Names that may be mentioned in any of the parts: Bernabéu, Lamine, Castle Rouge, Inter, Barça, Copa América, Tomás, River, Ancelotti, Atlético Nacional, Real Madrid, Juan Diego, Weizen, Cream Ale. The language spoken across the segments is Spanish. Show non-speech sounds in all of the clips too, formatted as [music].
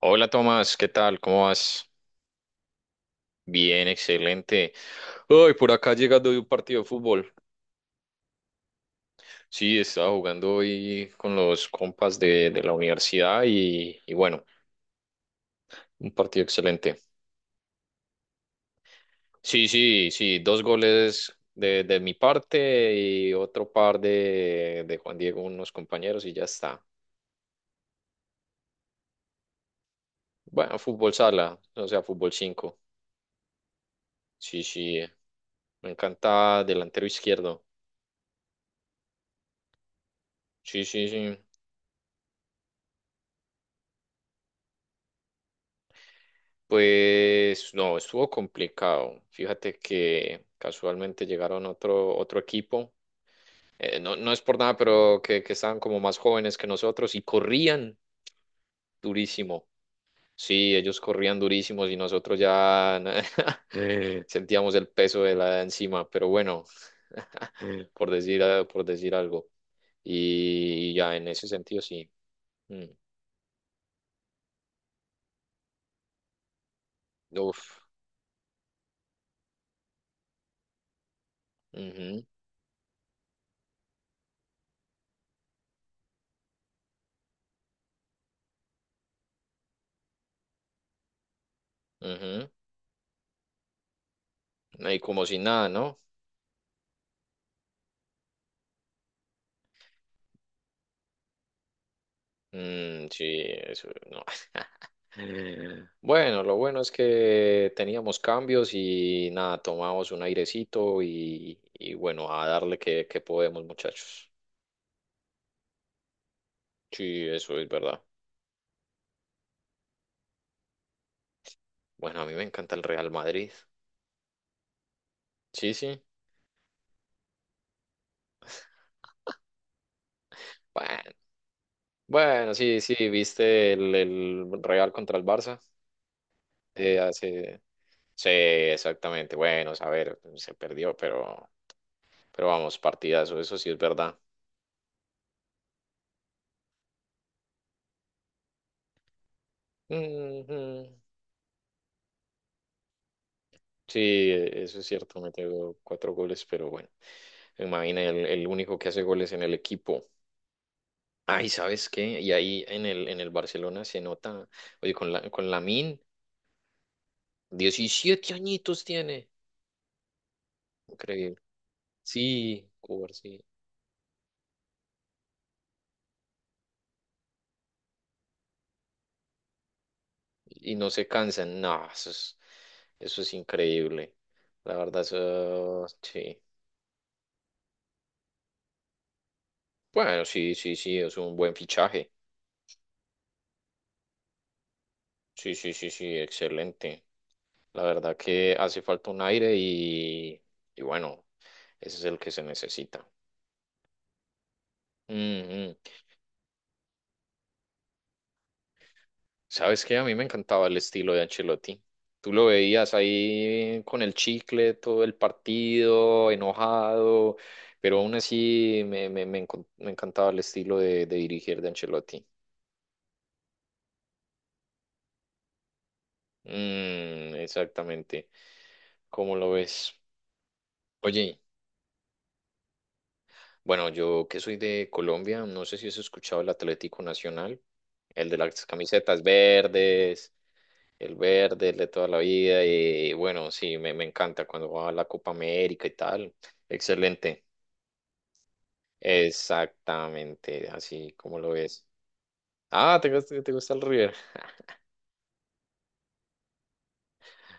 Hola Tomás, ¿qué tal? ¿Cómo vas? Bien, excelente. Hoy por acá llegando de un partido de fútbol. Sí, estaba jugando hoy con los compas de la universidad y bueno, un partido excelente. Sí, sí, sí, dos goles de mi parte y otro par de Juan Diego, unos compañeros y ya está. Bueno, fútbol sala, o sea, fútbol 5. Sí, sí, me encanta delantero izquierdo. Sí, sí, sí. Pues no, estuvo complicado. Fíjate que casualmente llegaron otro equipo. No, no es por nada, pero que estaban como más jóvenes que nosotros y corrían durísimo. Sí, ellos corrían durísimos y nosotros ya [laughs] sentíamos el peso de la encima, pero bueno, [laughs] por decir algo. Y ya en ese sentido sí. Mm. Uf. Ujú, ujú. Y como si nada, ¿no? Mm, sí, eso no. [laughs] Bueno, lo bueno es que teníamos cambios y nada, tomamos un airecito y bueno, a darle que podemos, muchachos. Sí, eso es verdad. Bueno, a mí me encanta el Real Madrid. Sí, sí. [laughs] Bueno, bueno, sí, sí, viste el Real contra el Barça. Eh, hace... Sí, exactamente. Bueno, a ver, se perdió, pero vamos, partidazo, eso sí es verdad. Ujú. Sí, eso es cierto, metió cuatro goles, pero bueno, imagina el único que hace goles en el equipo. Ay, ¿sabes qué? Y ahí en el Barcelona se nota, oye, con Lamine, 17 añitos tiene. Increíble. Sí, sí. Y no se cansan, no, eso es increíble. La verdad, eso, sí. Bueno, sí, sí, sí, es un buen fichaje. Sí, sí, sí, sí, excelente. La verdad que hace falta un aire y bueno, ese es el que se necesita. Ujú. ¿Sabes qué? A mí me encantaba el estilo de Ancelotti. Tú lo veías ahí con el chicle todo el partido, enojado, pero aún así me encantaba el estilo de dirigir de Ancelotti. Mm, exactamente. ¿Cómo lo ves? Oye, bueno, yo que soy de Colombia, no sé si has escuchado el Atlético Nacional, el de las camisetas verdes, el verde, el de toda la vida, y bueno, sí, me encanta cuando va a la Copa América y tal. Excelente. Exactamente, así como lo ves. Ah, ¿te gusta el River? [laughs]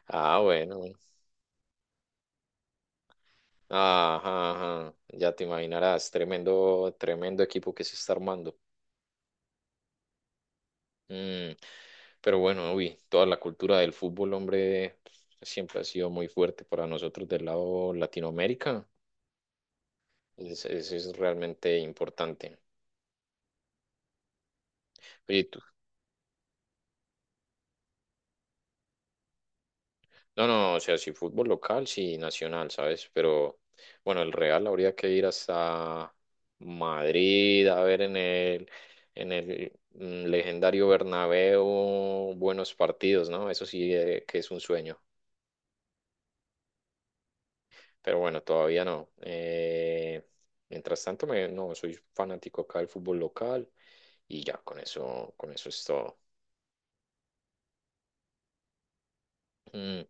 Ah, bueno. Ajá, ajá. Ya te imaginarás, tremendo, tremendo equipo que se está armando. Mm, pero bueno, uy, toda la cultura del fútbol, hombre, siempre ha sido muy fuerte para nosotros del lado Latinoamérica. Es realmente importante. Oye, no, no, o sea, sí fútbol local, sí nacional, ¿sabes? Pero bueno, el Real habría que ir hasta Madrid a ver en el legendario Bernabéu buenos partidos, ¿no? Eso sí, que es un sueño. Pero bueno, todavía no. Mientras tanto, no, soy fanático acá del fútbol local y ya, con eso es todo. Mm.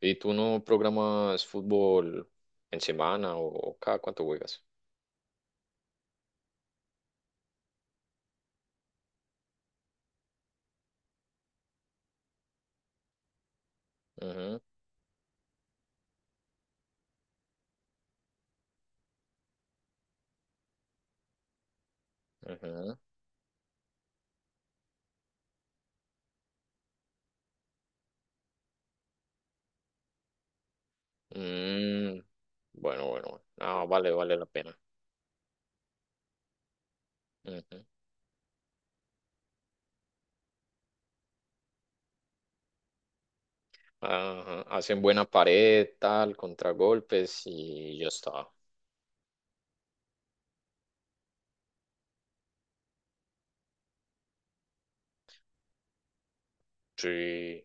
¿Y tú no programas fútbol en semana o cada cuánto juegas? Ujú, ujú. Mm, bueno, bueno, bueno. Ah, vale, vale la pena. Ujú. Ajá, hacen buena pared, tal, contragolpes y ya está. Sí. Eh,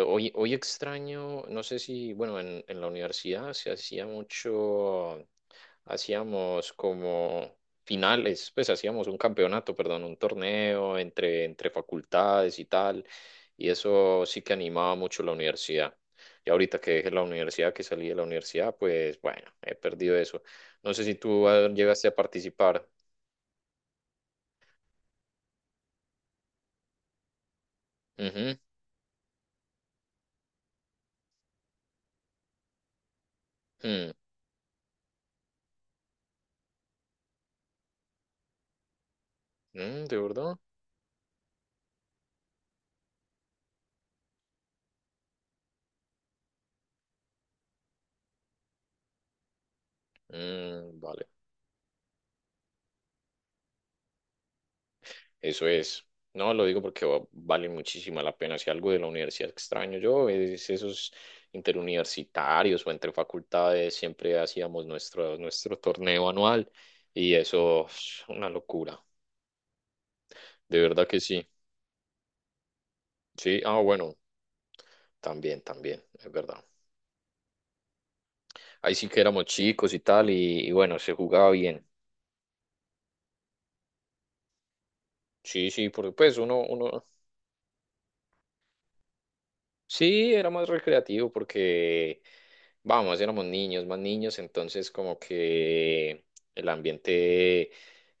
Hoy, hoy extraño, no sé si, bueno, en la universidad se hacía mucho, hacíamos como finales, pues hacíamos un campeonato, perdón, un torneo entre facultades y tal, y eso sí que animaba mucho la universidad. Y ahorita que dejé la universidad, que salí de la universidad, pues bueno, he perdido eso. No sé si tú llegaste a participar. Ujú. Mm, mm, ¿de verdad? Mm, vale. Eso es. No, lo digo porque vale muchísima la pena. Si algo de la universidad extraño yo, es esos interuniversitarios o entre facultades, siempre hacíamos nuestro torneo anual y eso es una locura. De verdad que sí. Sí, ah, bueno, también, también, es verdad. Ahí sí que éramos chicos y tal y bueno, se jugaba bien. Sí, sí, porque pues uno, uno Sí, era más recreativo porque, vamos, éramos niños, más niños, entonces como que el ambiente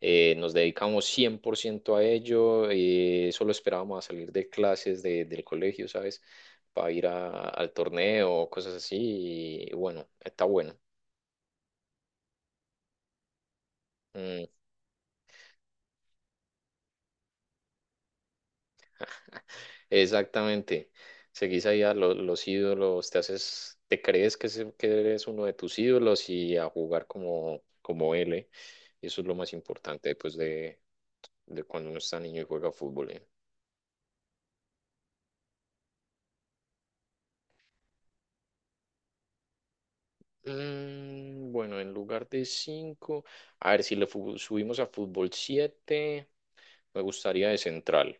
nos dedicamos 100% a ello, solo esperábamos a salir de clases del colegio, ¿sabes? Para ir al torneo o cosas así, y bueno, está bueno. Exactamente. Seguís ahí a los ídolos, te haces, te crees que eres uno de tus ídolos y a jugar como él, ¿eh? Y eso es lo más importante, pues, de cuando uno está niño y juega fútbol, ¿eh? Mm, bueno, en lugar de 5, a ver si le subimos a fútbol 7. Me gustaría de central.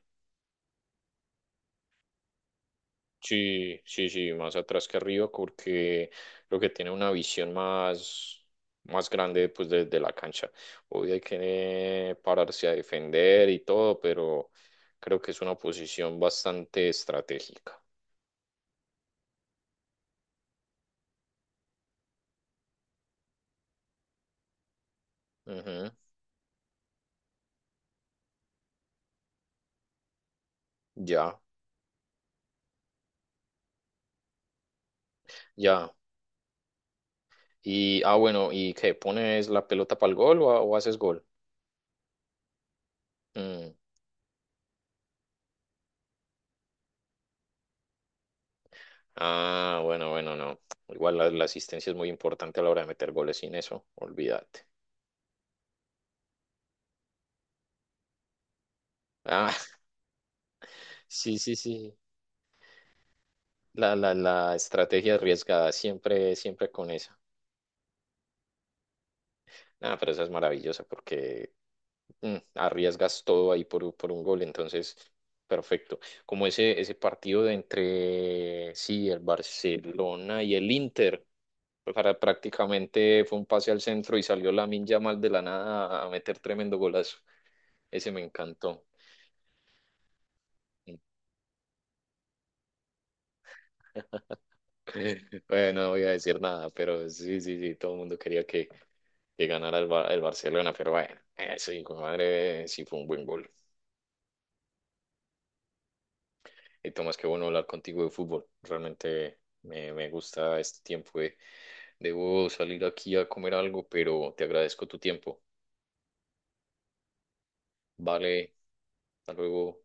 Sí, sí, sí, más atrás que arriba porque creo que tiene una visión más grande pues desde la cancha. Hoy hay que pararse a defender y todo, pero creo que es una posición bastante estratégica. Ujú, ya, ya. Y, ah, bueno, ¿y qué? ¿Pones la pelota para el gol o haces gol? Mm, ah, bueno, bueno, no. Igual la asistencia es muy importante a la hora de meter goles sin eso, olvídate. Ah, [laughs] sí, sí, sí. La estrategia arriesgada, siempre, siempre con esa. Nada, pero esa es maravillosa porque arriesgas todo ahí por un gol, entonces, perfecto. Como ese partido sí, el Barcelona y el Inter, pues, prácticamente fue un pase al centro y salió Lamine mal de la nada a meter tremendo golazo. Ese me encantó. [laughs] Bueno, no voy a decir nada, pero sí, sí, sí, todo el mundo quería que ganara el Barcelona, pero bueno, eso hijo de madre sí fue un buen gol. Y Tomás, qué bueno hablar contigo de fútbol. Realmente me gusta este tiempo. Debo salir aquí a comer algo, pero te agradezco tu tiempo. Vale, hasta luego.